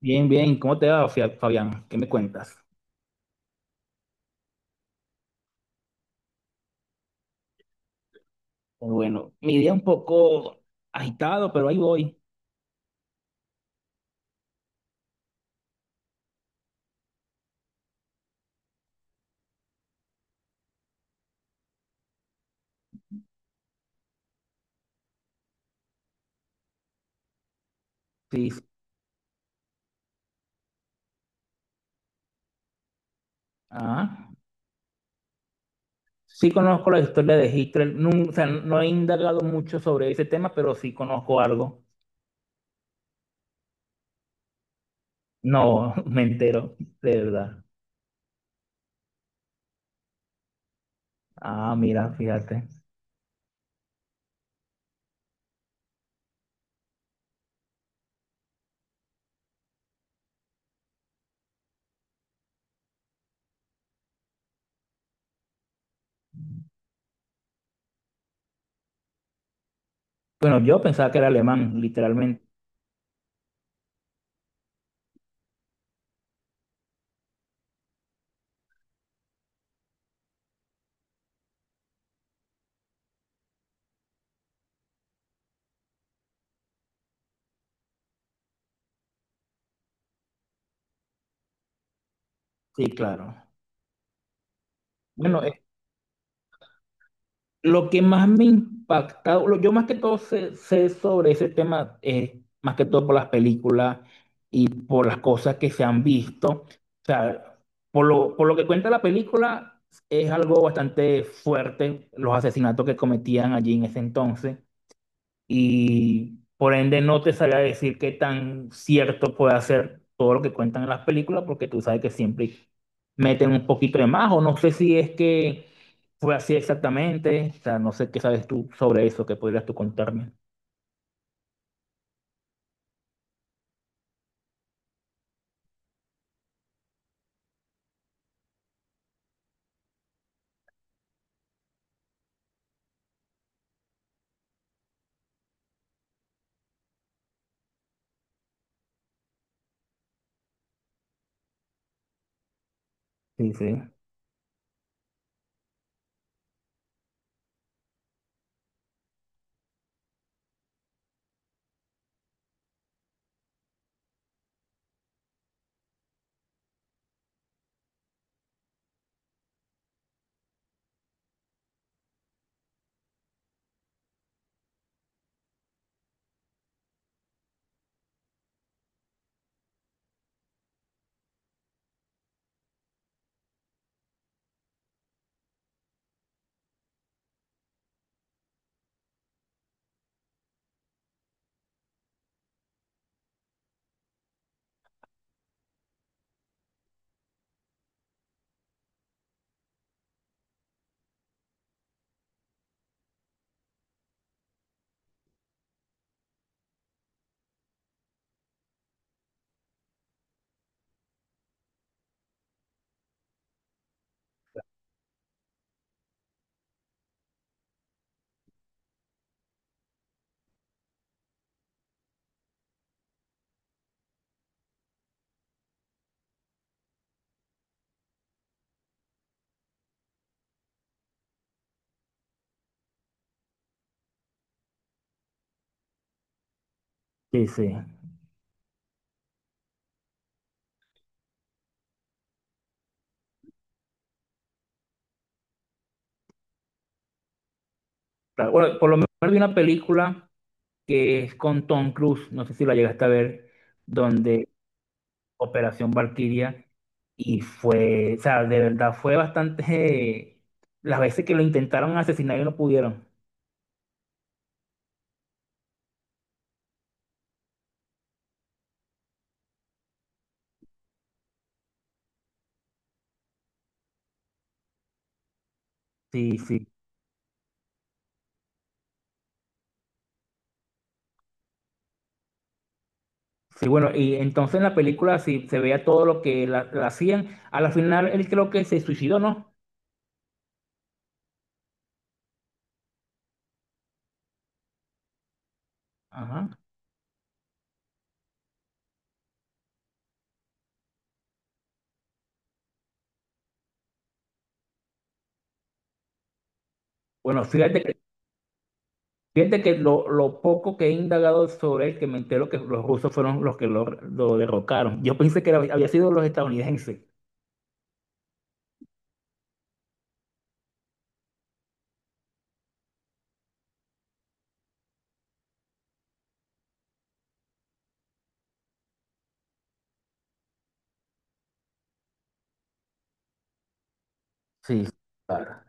Bien, bien. ¿Cómo te va, Fabián? ¿Qué me cuentas? Pues bueno, mi día un poco agitado, pero ahí voy. Sí. Ah. Sí conozco la historia de Hitler. No, o sea, no he indagado mucho sobre ese tema, pero sí conozco algo. No, me entero, de verdad. Ah, mira, fíjate. Bueno, yo pensaba que era alemán, literalmente. Sí, claro. Bueno, lo que más me impacta, yo más que todo sé sobre ese tema, más que todo por las películas y por las cosas que se han visto. O sea, por lo que cuenta la película, es algo bastante fuerte los asesinatos que cometían allí en ese entonces, y por ende no te sabría decir qué tan cierto puede ser todo lo que cuentan en las películas, porque tú sabes que siempre meten un poquito de más, o no sé si es que fue así exactamente. O sea, no sé qué sabes tú sobre eso, que podrías tú contarme. Sí, sí, sí, sí. Claro, bueno, por lo menos vi una película que es con Tom Cruise, no sé si la llegaste a ver, donde Operación Valquiria, y fue, o sea, de verdad fue bastante, las veces que lo intentaron asesinar y no pudieron. Sí, sí. Sí, bueno, y entonces en la película sí se veía todo lo que la hacían. A la final él creo que se suicidó, ¿no? Ajá. Bueno, fíjate que lo poco que he indagado sobre él, que me entero que los rusos fueron los que lo derrocaron. Yo pensé que había sido los estadounidenses. Sí, claro.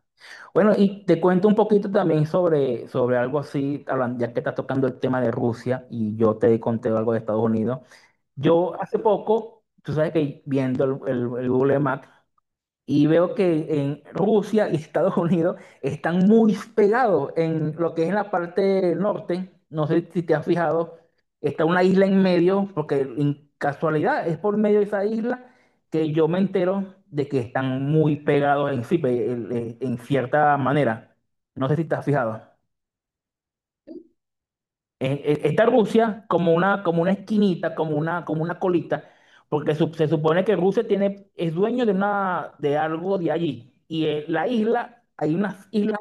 Bueno, y te cuento un poquito también sobre, sobre algo así, ya que estás tocando el tema de Rusia y yo te conté algo de Estados Unidos. Yo hace poco, tú sabes que viendo el Google Maps, y veo que en Rusia y Estados Unidos están muy pegados en lo que es la parte norte. No sé si te has fijado, está una isla en medio, porque en casualidad es por medio de esa isla que yo me entero de que están muy pegados en sí, en cierta manera. No sé si te has fijado. Está Rusia como una esquinita, como una colita, porque se supone que Rusia tiene, es dueño de, una, de algo de allí. Y la isla, hay unas islas.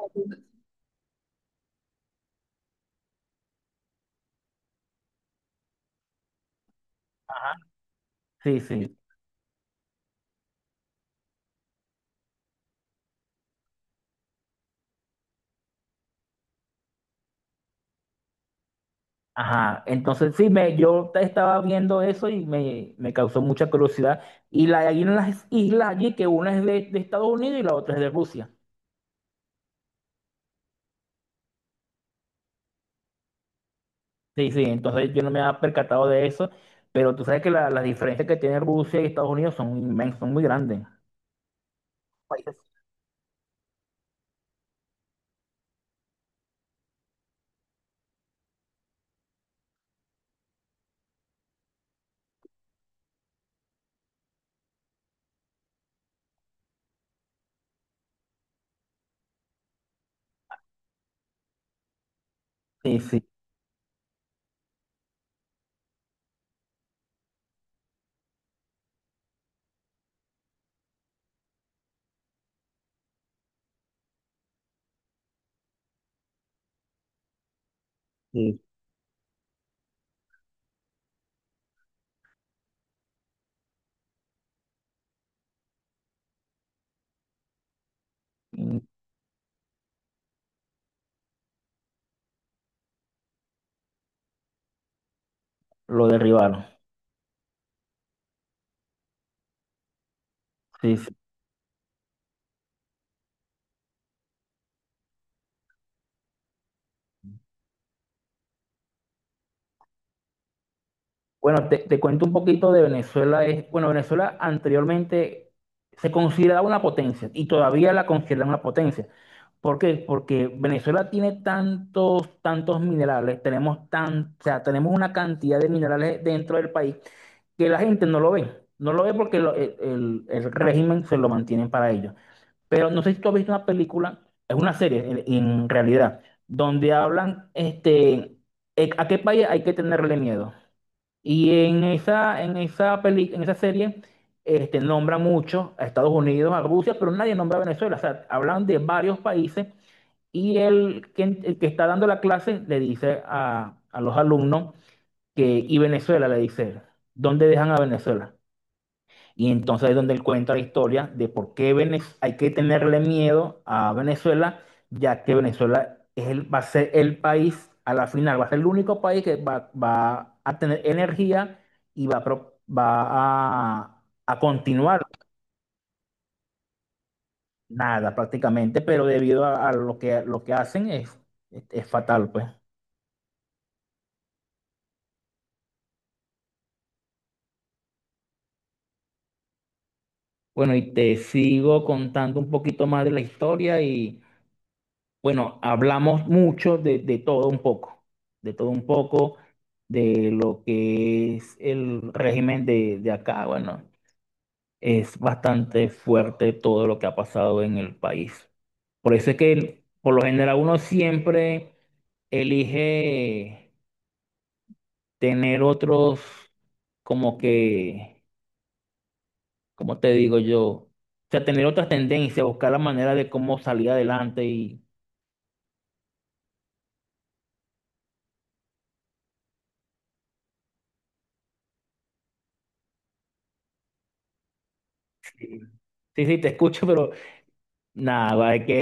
Sí, sí. Ajá. Entonces sí, yo estaba viendo eso y me causó mucha curiosidad. Y la, hay unas islas allí que una es de Estados Unidos y la otra es de Rusia. Sí, sí. Entonces yo no me había percatado de eso, pero tú sabes que las diferencias que tiene Rusia y Estados Unidos son inmensas, son muy grandes. Países. Sí, sí. Sí, mm, lo derribaron. Sí, sí. Bueno, te cuento un poquito de Venezuela. Es, bueno, Venezuela anteriormente se consideraba una potencia y todavía la consideran una potencia. ¿Por qué? Porque Venezuela tiene tantos, tantos minerales, tenemos tan, o sea, tenemos una cantidad de minerales dentro del país que la gente no lo ve. No lo ve porque el régimen se lo mantiene para ellos. Pero no sé si tú has visto una película, es una serie en realidad, donde hablan este, a qué país hay que tenerle miedo. Y en esa peli, en esa serie este, nombran mucho a Estados Unidos, a Rusia, pero nadie nombra a Venezuela. O sea, hablan de varios países y el que está dando la clase le dice a los alumnos que, y Venezuela le dice, ¿dónde dejan a Venezuela? Y entonces es donde él cuenta la historia de por qué hay que tenerle miedo a Venezuela, ya que Venezuela es va a ser el país, a la final, va a ser el único país que va a tener energía y va a continuar nada prácticamente, pero debido a lo que hacen es fatal, pues. Bueno, y te sigo contando un poquito más de la historia y bueno, hablamos mucho de todo un poco, de todo un poco, de lo que es el régimen de acá. Bueno, es bastante fuerte todo lo que ha pasado en el país. Por eso es que por lo general uno siempre elige tener otros, como que, ¿como te digo yo? O sea, tener otras tendencias, buscar la manera de cómo salir adelante y... Sí, sí, sí, te escucho, pero nada, va, es que